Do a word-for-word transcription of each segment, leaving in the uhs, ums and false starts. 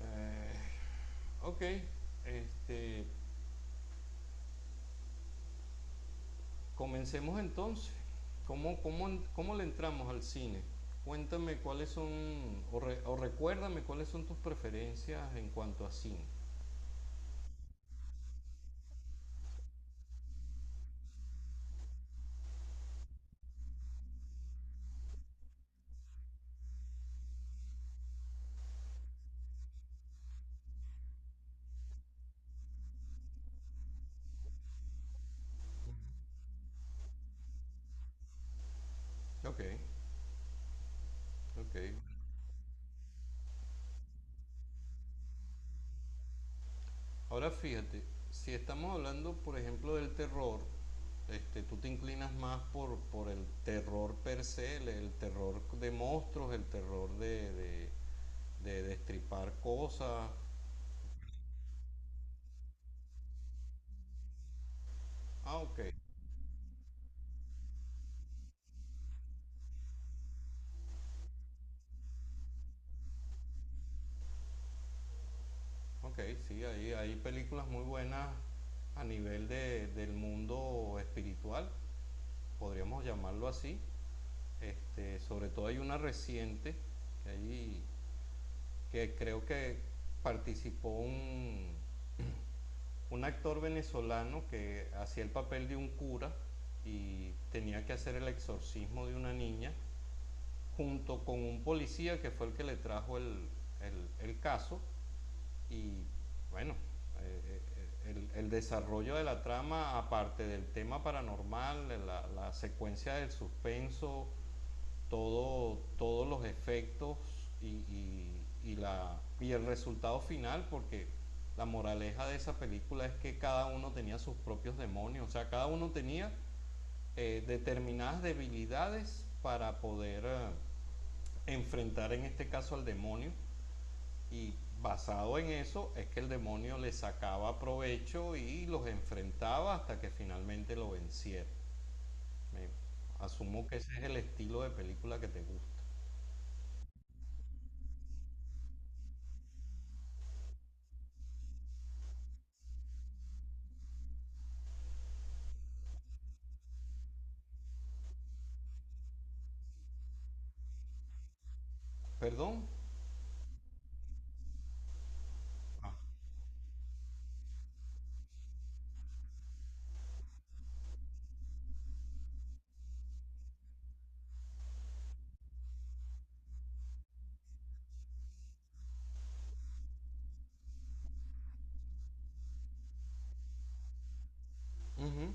Eh, ok, este, comencemos entonces. ¿Cómo, cómo, Cómo le entramos al cine? Cuéntame cuáles son, o, re- o recuérdame cuáles son tus preferencias en cuanto a cine. Ok, ok. Ahora fíjate, si estamos hablando, por ejemplo, del terror, este, tú te inclinas más por, por el terror per se, el, el terror de monstruos, el terror de, de, de destripar cosas. Ah, ok. Ok, sí, hay, hay películas muy buenas a nivel de- del mundo espiritual, podríamos llamarlo así. Este, sobre todo hay una reciente que, hay- que creo que participó un, un actor venezolano que hacía el papel de un cura y tenía que hacer el exorcismo de una niña junto con un policía que fue el que le trajo el, el el caso. Y bueno, eh, eh, el, el, desarrollo de la trama, aparte del tema paranormal, de la, la, secuencia del suspenso, todo, todos los efectos y, y, y, la, y el resultado final, porque la moraleja de esa película es que cada uno tenía sus propios demonios, o sea, cada uno tenía eh, determinadas debilidades para poder eh, enfrentar en este caso al demonio y basado en eso es que el demonio le sacaba provecho y los enfrentaba hasta que finalmente lo venciera. Me- Asumo que ese es el estilo de película que te gusta. ¿Perdón? Ah, ujú.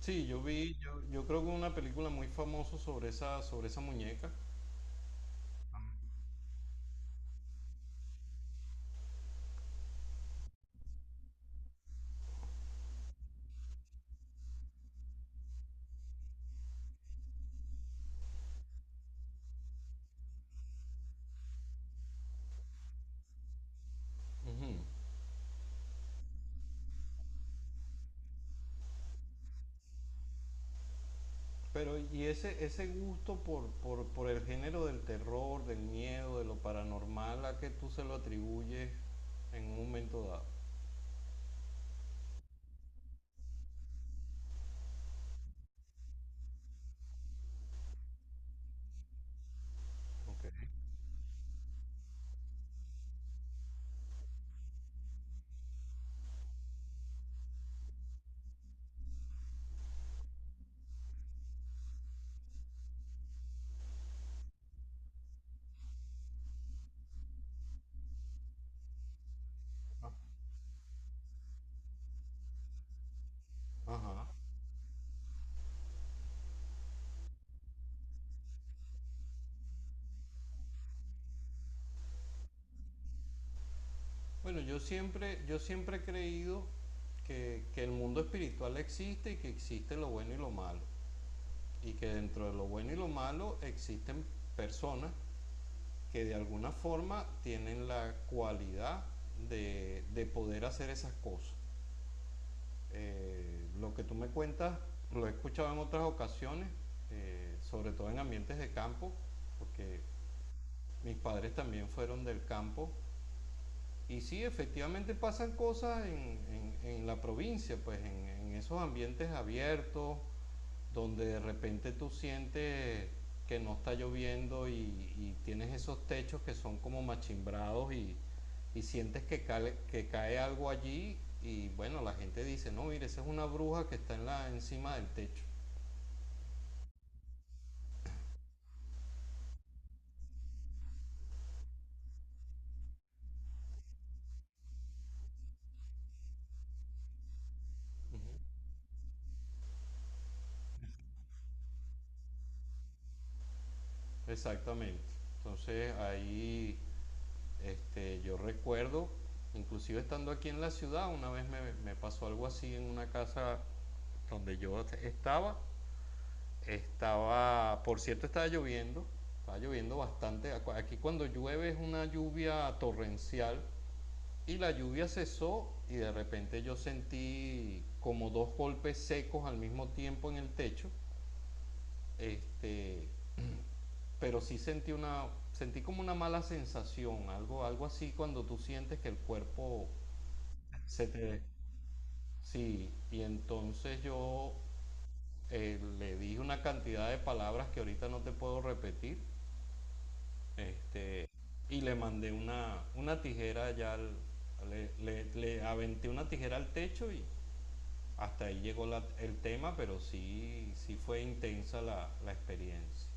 Sí, yo vi, yo, yo creo que una película muy famosa sobre esa, sobre esa muñeca. Ujú. Pero y ese, ese gusto por, por, por el género del terror, del miedo, de lo paranormal, ¿a qué tú se lo atribuyes en un momento dado? Ok. Ah, ajá. Bueno, yo siempre, yo siempre he creído que, que el mundo espiritual existe y que existe lo bueno y lo malo. Y que dentro de lo bueno y lo malo existen personas que de alguna forma tienen la cualidad de, de poder hacer esas cosas. Eh, lo que tú me cuentas, lo he escuchado en otras ocasiones, eh, sobre todo en ambientes de campo, porque mis padres también fueron del campo. Y sí, efectivamente pasan cosas en, en- en la provincia, pues en, en esos ambientes abiertos, donde de repente tú sientes que no está lloviendo y, y tienes esos techos que son como machimbrados y, y sientes que cae que cae algo allí y bueno, la gente dice, no, mire, esa es una bruja que está en la, encima del techo. Uh-huh. Exactamente. Entonces ahí Este, yo recuerdo, inclusive estando aquí en la ciudad, una vez me, me pasó algo así en una casa donde yo estaba. Estaba, por cierto, estaba lloviendo, estaba lloviendo bastante. Aquí cuando llueve es una lluvia torrencial y la lluvia cesó y de repente yo sentí como dos golpes secos al mismo tiempo en el techo. Este, pero sí sentí una sentí como una mala sensación, algo algo así cuando tú sientes que el cuerpo se te... Sí, y entonces yo eh, le dije una cantidad de palabras que ahorita no te puedo repetir, este, y le mandé una, una tijera allá al- le, le- le aventé una tijera al techo y hasta ahí llegó la- el tema, pero sí, sí fue intensa la, la experiencia.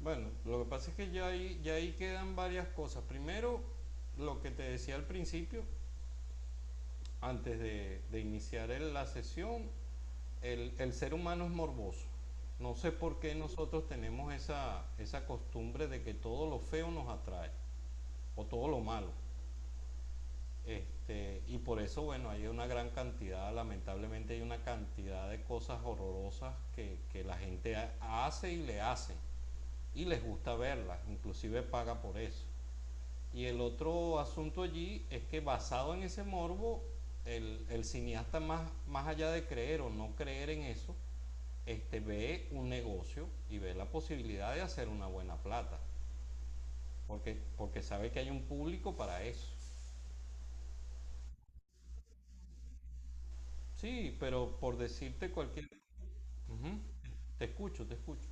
Bueno, lo que pasa es que ya ahí, ya ahí quedan varias cosas. Primero, lo que te decía al principio, antes de, de iniciar el- la sesión, el, el ser humano es morboso. No sé por qué nosotros tenemos esa, esa costumbre de que todo lo feo nos atrae o todo lo malo. Este, y por eso, bueno, hay una gran cantidad, lamentablemente hay una cantidad de cosas horrorosas que, que la gente hace y le hacen. Y les gusta verlas, inclusive paga por eso. Y el otro asunto allí es que basado en ese morbo, el, el cineasta más, más allá de creer o no creer en eso, este, ve un negocio y ve la posibilidad de hacer una buena plata, porque, porque sabe que hay un público para eso. Sí, pero por decirte cualquier... Ujú. Te escucho, te escucho.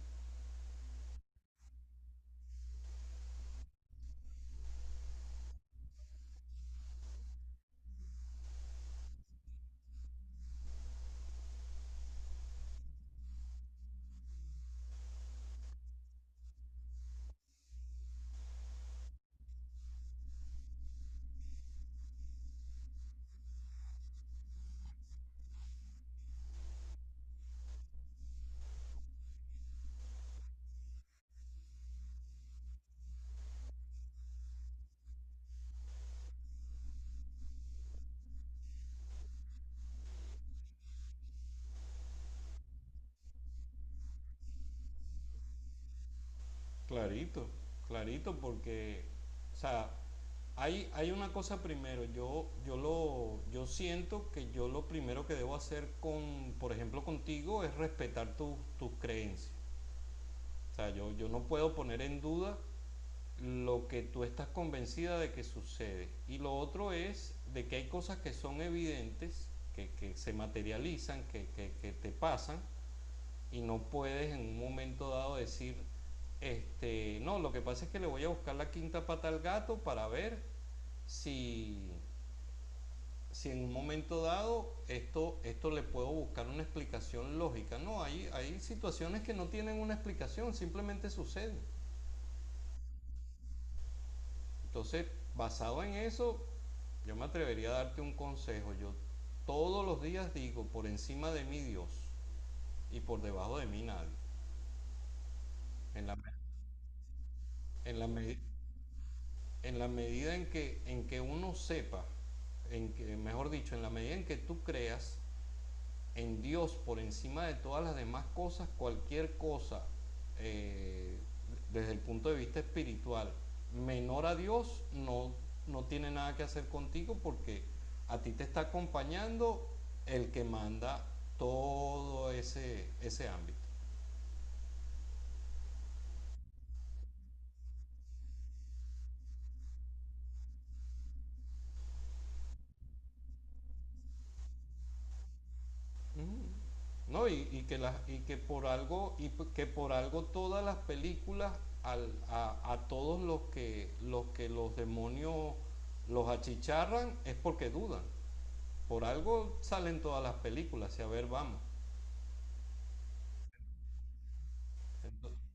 Clarito, clarito, porque, o sea, hay, hay una cosa primero, yo, yo lo, yo siento que yo lo primero que debo hacer con, por ejemplo, contigo es respetar tus tus creencias. O sea, yo, yo no puedo poner en duda lo que tú estás convencida de que sucede. Y lo otro es de que hay cosas que son evidentes, que, que se materializan, que, que, que te pasan, y no puedes en un momento dado decir, este, no, lo que pasa es que le voy a buscar la quinta pata al gato para ver si, si en un momento dado esto, esto le puedo buscar una explicación lógica. No, hay, hay situaciones que no tienen una explicación, simplemente suceden. Entonces, basado en eso, yo me atrevería a darte un consejo. Yo todos los días digo, por encima de mí Dios y por debajo de mí nadie. En la, en la, me en la medida en que, en que uno sepa, en que, mejor dicho, en la medida en que tú creas en Dios por encima de todas las demás cosas, cualquier cosa eh, desde el punto de vista espiritual menor a Dios no, no tiene nada que hacer contigo porque a ti te está acompañando el que manda todo ese, ese ámbito. ¿No? Y, y que las y que por algo y que por algo todas las películas al, a, a, todos los que los que los demonios los achicharran es porque dudan. Por algo salen todas las películas y a ver, vamos. Entonces,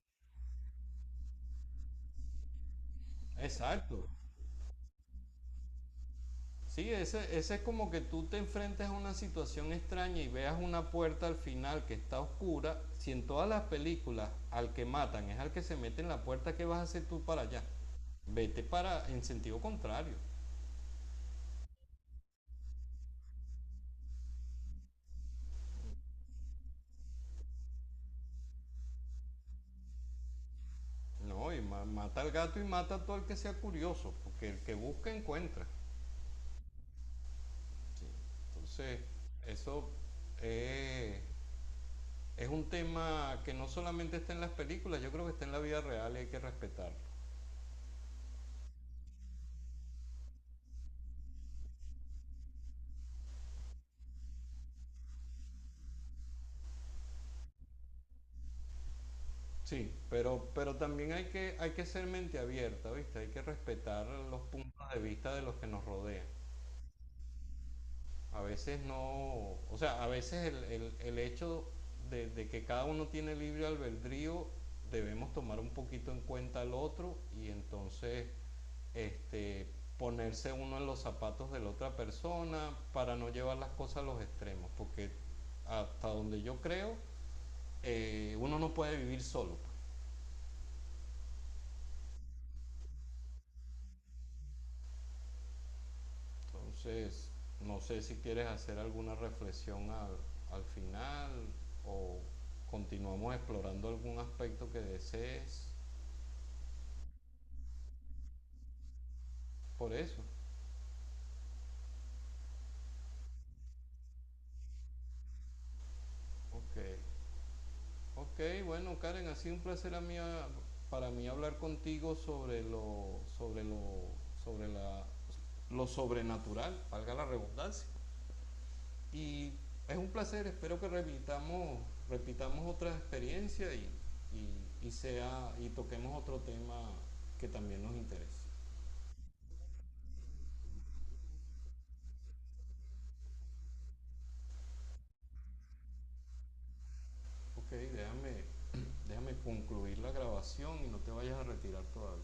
exacto. Sí, ese, ese es como que tú te enfrentes a una situación extraña y veas una puerta al final que está oscura. Si en todas las películas al que matan es al que se mete en la puerta, ¿qué vas a hacer tú para allá? Vete para en sentido contrario. No, y ma- mata al gato y mata a todo el que sea curioso, porque el que busca encuentra. Entonces, eso es Es un tema que no solamente está en las películas, yo creo que está en la vida real y hay que respetarlo. Sí, pero, pero también hay que, hay que ser mente abierta, ¿viste? Hay que respetar los puntos de vista de los que nos rodean. A veces no, o sea, a veces el, el, el hecho de, de, que cada uno tiene libre albedrío, debemos tomar un poquito en cuenta al otro y entonces este, ponerse uno en los zapatos de la otra persona para no llevar las cosas a los extremos, porque hasta donde yo creo, eh, uno no puede vivir solo. Pues. Entonces, no sé si quieres hacer alguna reflexión al, al final o continuamos explorando algún aspecto que desees. Por eso. Ok. Ok, bueno, Karen, ha sido un placer a mí a- para mí hablar contigo sobre lo sobre lo sobre la lo sobrenatural, valga la redundancia. Y es un placer, espero que repitamos, repitamos otra experiencia y, y, y sea, y toquemos otro tema que también nos interese. Ok, déjame, déjame concluir la grabación y no te vayas a retirar todavía.